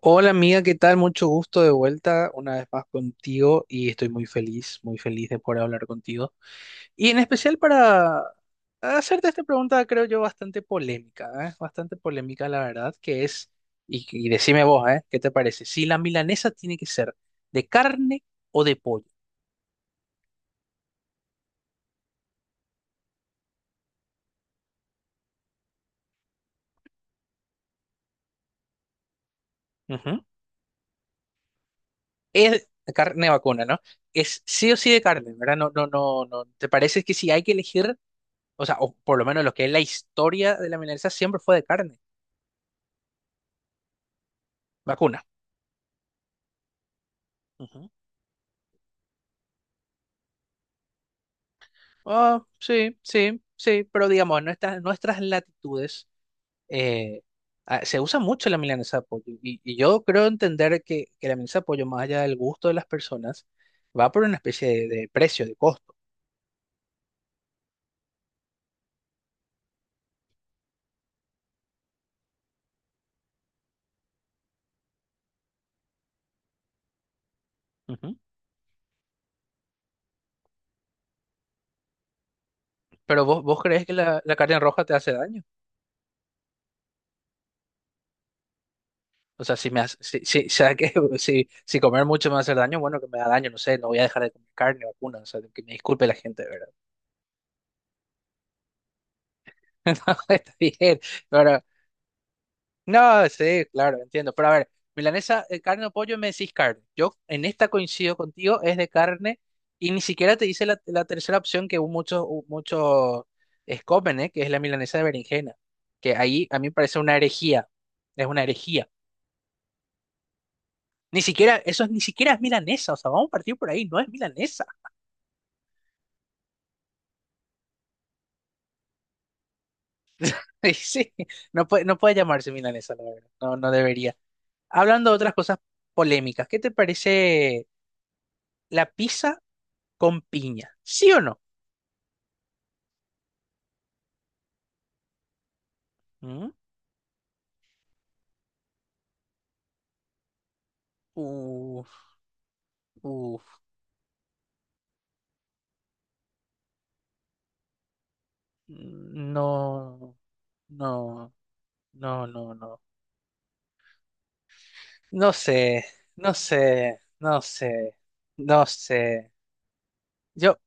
Hola amiga, ¿qué tal? Mucho gusto de vuelta una vez más contigo y estoy muy feliz de poder hablar contigo. Y en especial para hacerte esta pregunta, creo yo, bastante polémica, ¿eh? Bastante polémica, la verdad, que es, y decime vos, ¿eh? ¿Qué te parece? Si la milanesa tiene que ser de carne o de pollo. Ujú. Es de carne vacuna, ¿no? Es sí o sí de carne, ¿verdad? No, no, no, no. ¿Te parece que si hay que elegir, o sea, o por lo menos lo que es la historia de la milanesa siempre fue de carne, vacuna? Ujú. Ah, sí, sí, sí, pero digamos, en nuestras latitudes eh, ah, se usa mucho la milanesa de pollo y, y yo creo entender que la milanesa de pollo, más allá del gusto de las personas, va por una especie de precio, de costo. Ujú. Pero vos crees que la carne roja te hace daño. O sea, si me hace, si, si, o sea, que si comer mucho me va a hacer daño, bueno, que me da daño, no sé, no voy a dejar de comer carne o vacuna, o sea, que me disculpe la gente, ¿verdad? No, está bien, pero, no, sí, claro, entiendo, pero a ver, milanesa, carne o pollo, me decís carne. Yo en esta coincido contigo, es de carne, y ni siquiera te dice la tercera opción que muchos, muchos es comen, ¿eh? Que es la milanesa de berenjena, que ahí a mí me parece una herejía, es una herejía. Ni siquiera, eso es, ni siquiera es milanesa, o sea, vamos a partir por ahí, no es milanesa. Sí, no puede llamarse milanesa, la verdad. No, no debería. Hablando de otras cosas polémicas, ¿qué te parece la pizza con piña? ¿Sí o no? ¿Mm? Uf, uf. No, no, no, no, no. No sé, no sé, no sé, no sé. Yo,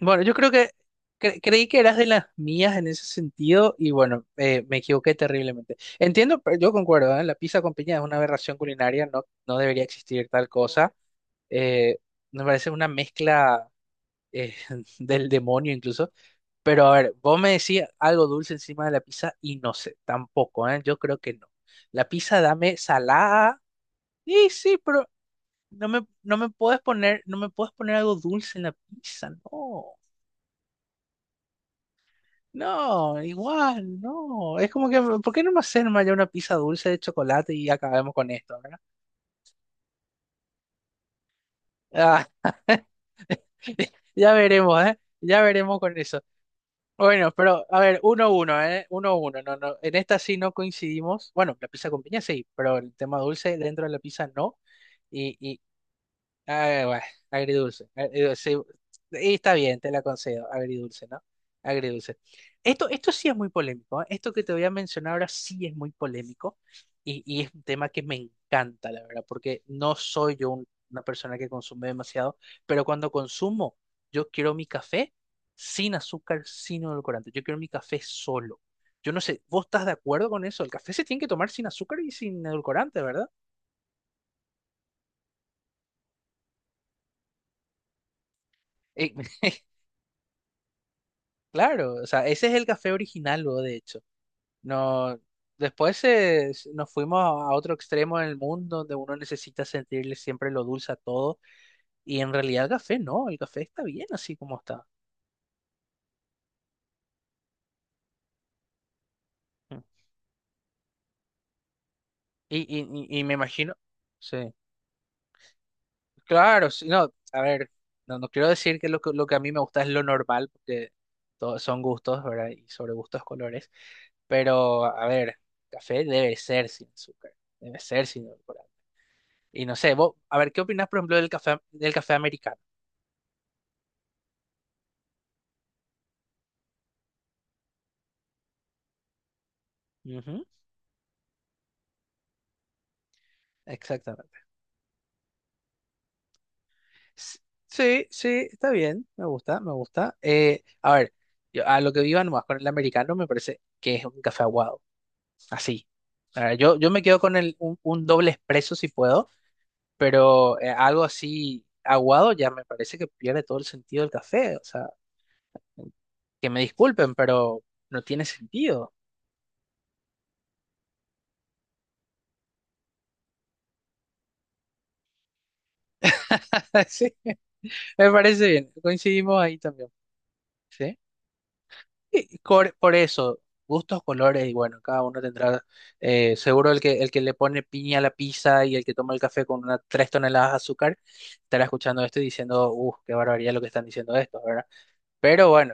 Bueno, yo creo que creí que eras de las mías en ese sentido y bueno, me equivoqué terriblemente. Entiendo, pero yo concuerdo, ¿eh? La pizza con piña es una aberración culinaria, no, no debería existir tal cosa. Eh, me parece una mezcla eh, del demonio incluso. Pero a ver, vos me decís algo dulce encima de la pizza y no sé, tampoco, ¿eh? Yo creo que no. La pizza dame salada. Sí, sí, pero no me, no me puedes poner, no me puedes poner algo dulce en la pizza, no. No, igual, no. Es como que ¿por qué no me hacen ya una pizza dulce de chocolate y acabemos con esto? ¿Verdad? Ah, ya veremos, ¿eh? Ya veremos con eso. Bueno, pero a ver, uno a uno, ¿eh? Uno a uno. No, no. En esta sí no coincidimos. Bueno, la pizza con piña sí, pero el tema dulce dentro de la pizza no. Y Ah, bueno, agridulce, agridulce. Sí, y está bien, te la concedo, agridulce, ¿no? Agridulce. Esto sí es muy polémico, ¿eh? Esto que te voy a mencionar ahora sí es muy polémico y es un tema que me encanta, la verdad, porque no soy yo una persona que consume demasiado, pero cuando consumo, yo quiero mi café sin azúcar, sin edulcorante, yo quiero mi café solo. Yo no sé, ¿vos estás de acuerdo con eso? El café se tiene que tomar sin azúcar y sin edulcorante, ¿verdad? Eh, Claro, o sea, ese es el café original, luego, de hecho. No, después nos fuimos a otro extremo del mundo donde uno necesita sentirle siempre lo dulce a todo. Y en realidad el café no, el café está bien así como está. Mm. Y me imagino, sí, claro, sí, no, a ver, no, no quiero decir que lo, que lo que a mí me gusta es lo normal, porque todos son gustos, ¿verdad? Y sobre gustos, colores. Pero, a ver, café debe ser sin azúcar, debe ser sin alcohol. Y no sé, vos, a ver, ¿qué opinás, por ejemplo, del café americano? Ujú, exactamente. S- Sí, sí, está bien, me gusta, me gusta. A ver, a lo que vivan más con el americano me parece que es un café aguado, así. A ver, yo me quedo con un doble expreso si puedo, pero algo así aguado ya me parece que pierde todo el sentido del café. O sea, que me disculpen, pero no tiene sentido. Sí, me parece bien, coincidimos ahí también. ¿Sí? Y por eso, gustos, colores, y bueno, cada uno tendrá, seguro el que le pone piña a la pizza y el que toma el café con unas 3 toneladas de azúcar, estará escuchando esto y diciendo, uff, qué barbaridad lo que están diciendo estos, ¿verdad? Pero bueno,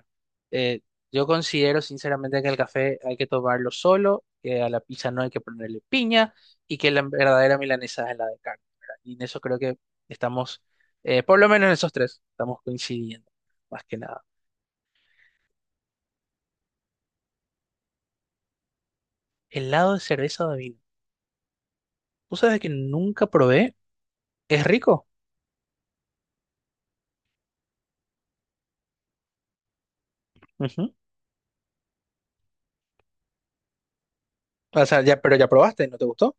eh, yo considero sinceramente que el café hay que tomarlo solo, que a la pizza no hay que ponerle piña y que la verdadera milanesa es la de carne, ¿verdad? Y en eso creo que estamos, por lo menos en esos tres, estamos coincidiendo, más que nada. ¿Helado de cerveza o de vino? Tú sabes que nunca probé. Es rico. Ujú. O sea, ya, pero ya probaste, ¿no te gustó?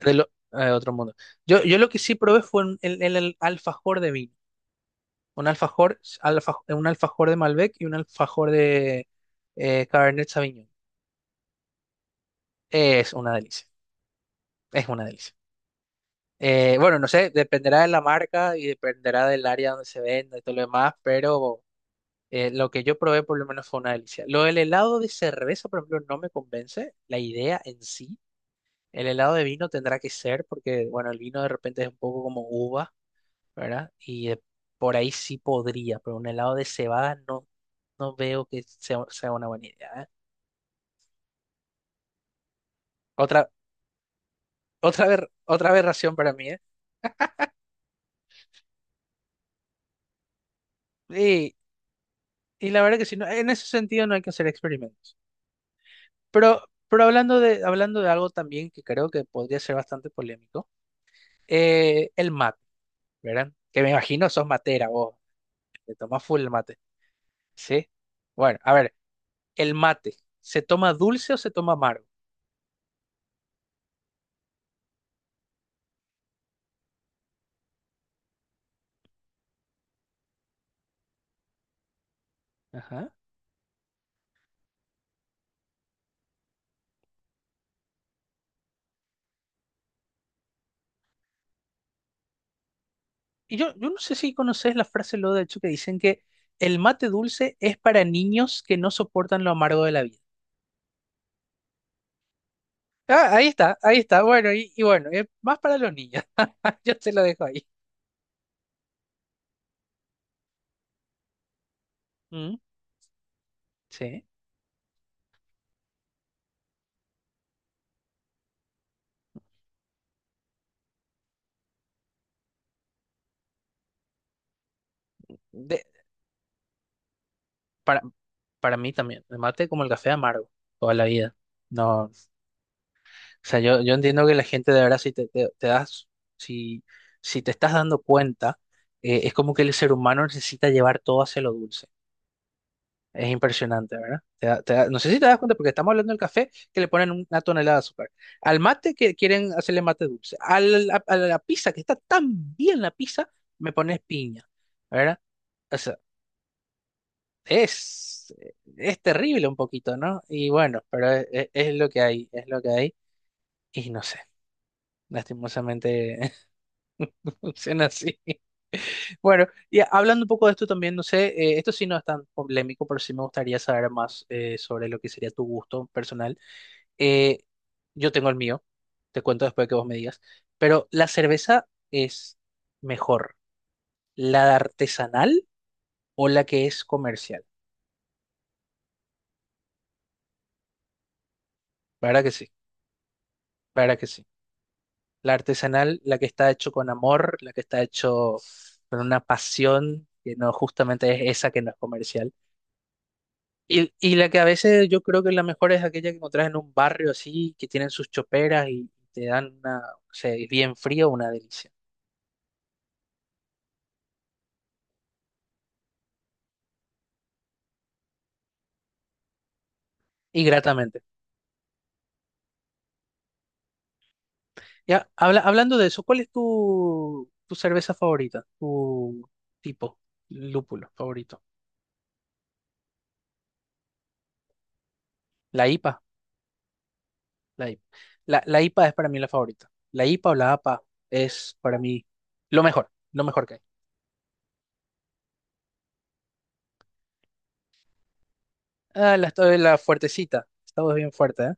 Otro mundo. Yo lo que sí probé fue el alfajor de vino. Un alfajor de Malbec y un alfajor de Cabernet Sauvignon. Es una delicia. Es una delicia. Bueno, no sé, dependerá de la marca y dependerá del área donde se venda y todo lo demás, pero lo que yo probé por lo menos fue una delicia. Lo del helado de cerveza, por ejemplo, no me convence la idea en sí. El helado de vino tendrá que ser porque, bueno, el vino de repente es un poco como uva, ¿verdad? Y por ahí sí podría, pero un helado de cebada no, no veo que sea una buena idea, ¿eh? Otra, otra aberración para mí, ¿eh? Y, y la verdad que sí, en ese sentido no hay que hacer experimentos. Pero, pero hablando de algo también que creo que podría ser bastante polémico, el mate, ¿verdad? Que me imagino sos matera vos, te tomás full el mate, ¿sí? Bueno, a ver. El mate, ¿se toma dulce o se toma amargo? Ajá. Y yo no sé si conoces la frase lo de hecho que dicen que el mate dulce es para niños que no soportan lo amargo de la vida. Ah, ahí está, ahí está. Bueno, y bueno, es más para los niños. Yo te lo dejo ahí. Mm, sí. De- para, para mí también, el mate como el café amargo, toda la vida. No, o sea, yo entiendo que la gente de verdad, si te das, si, si te estás dando cuenta, es como que el ser humano necesita llevar todo hacia lo dulce. Es impresionante, ¿verdad? No sé si te das cuenta, porque estamos hablando del café que le ponen una tonelada de azúcar. Al mate que quieren hacerle mate dulce. A la pizza, que está tan bien la pizza, me pones piña, ¿verdad? O sea, es, es terrible un poquito, ¿no? Y bueno, pero es lo que hay, es lo que hay. Y no sé, lastimosamente funciona así. Bueno, y hablando un poco de esto también, no sé, esto sí no es tan polémico, pero sí me gustaría saber más sobre lo que sería tu gusto personal. Eh, yo tengo el mío, te cuento después que vos me digas, pero ¿la cerveza es mejor, la artesanal o la que es comercial? Para que sí, para que sí. La artesanal, la que está hecho con amor, la que está hecho con una pasión, que no justamente es esa que no es comercial. Y la que a veces yo creo que la mejor es aquella que encontrás en un barrio así, que tienen sus choperas y te dan una, o sea, es bien frío, una delicia. Y gratamente. Ya, hablando de eso, ¿cuál es tu cerveza favorita? ¿Tu tipo, lúpulo favorito? La IPA, la IPA. La IPA es para mí la favorita. La IPA o la APA es para mí lo mejor que hay. Ah, la fuertecita, esta bien fuerte, ¿eh?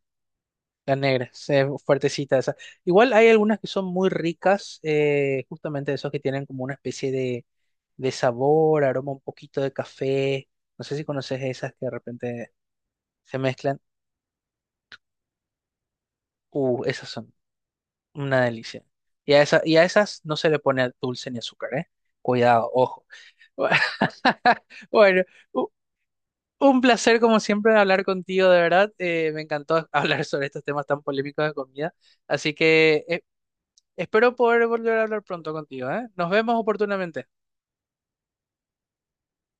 La negra, fuertecita esa. Igual hay algunas que son muy ricas, justamente esos que tienen como una especie de sabor, aroma, un poquito de café. No sé si conoces esas que de repente se mezclan. Esas son una delicia. Y a esas no se le pone dulce ni azúcar, ¿eh? Cuidado, ojo. Bueno, u- un placer como siempre hablar contigo, de verdad. Me encantó hablar sobre estos temas tan polémicos de comida. Así que espero poder volver a hablar pronto contigo, ¿eh? Nos vemos oportunamente.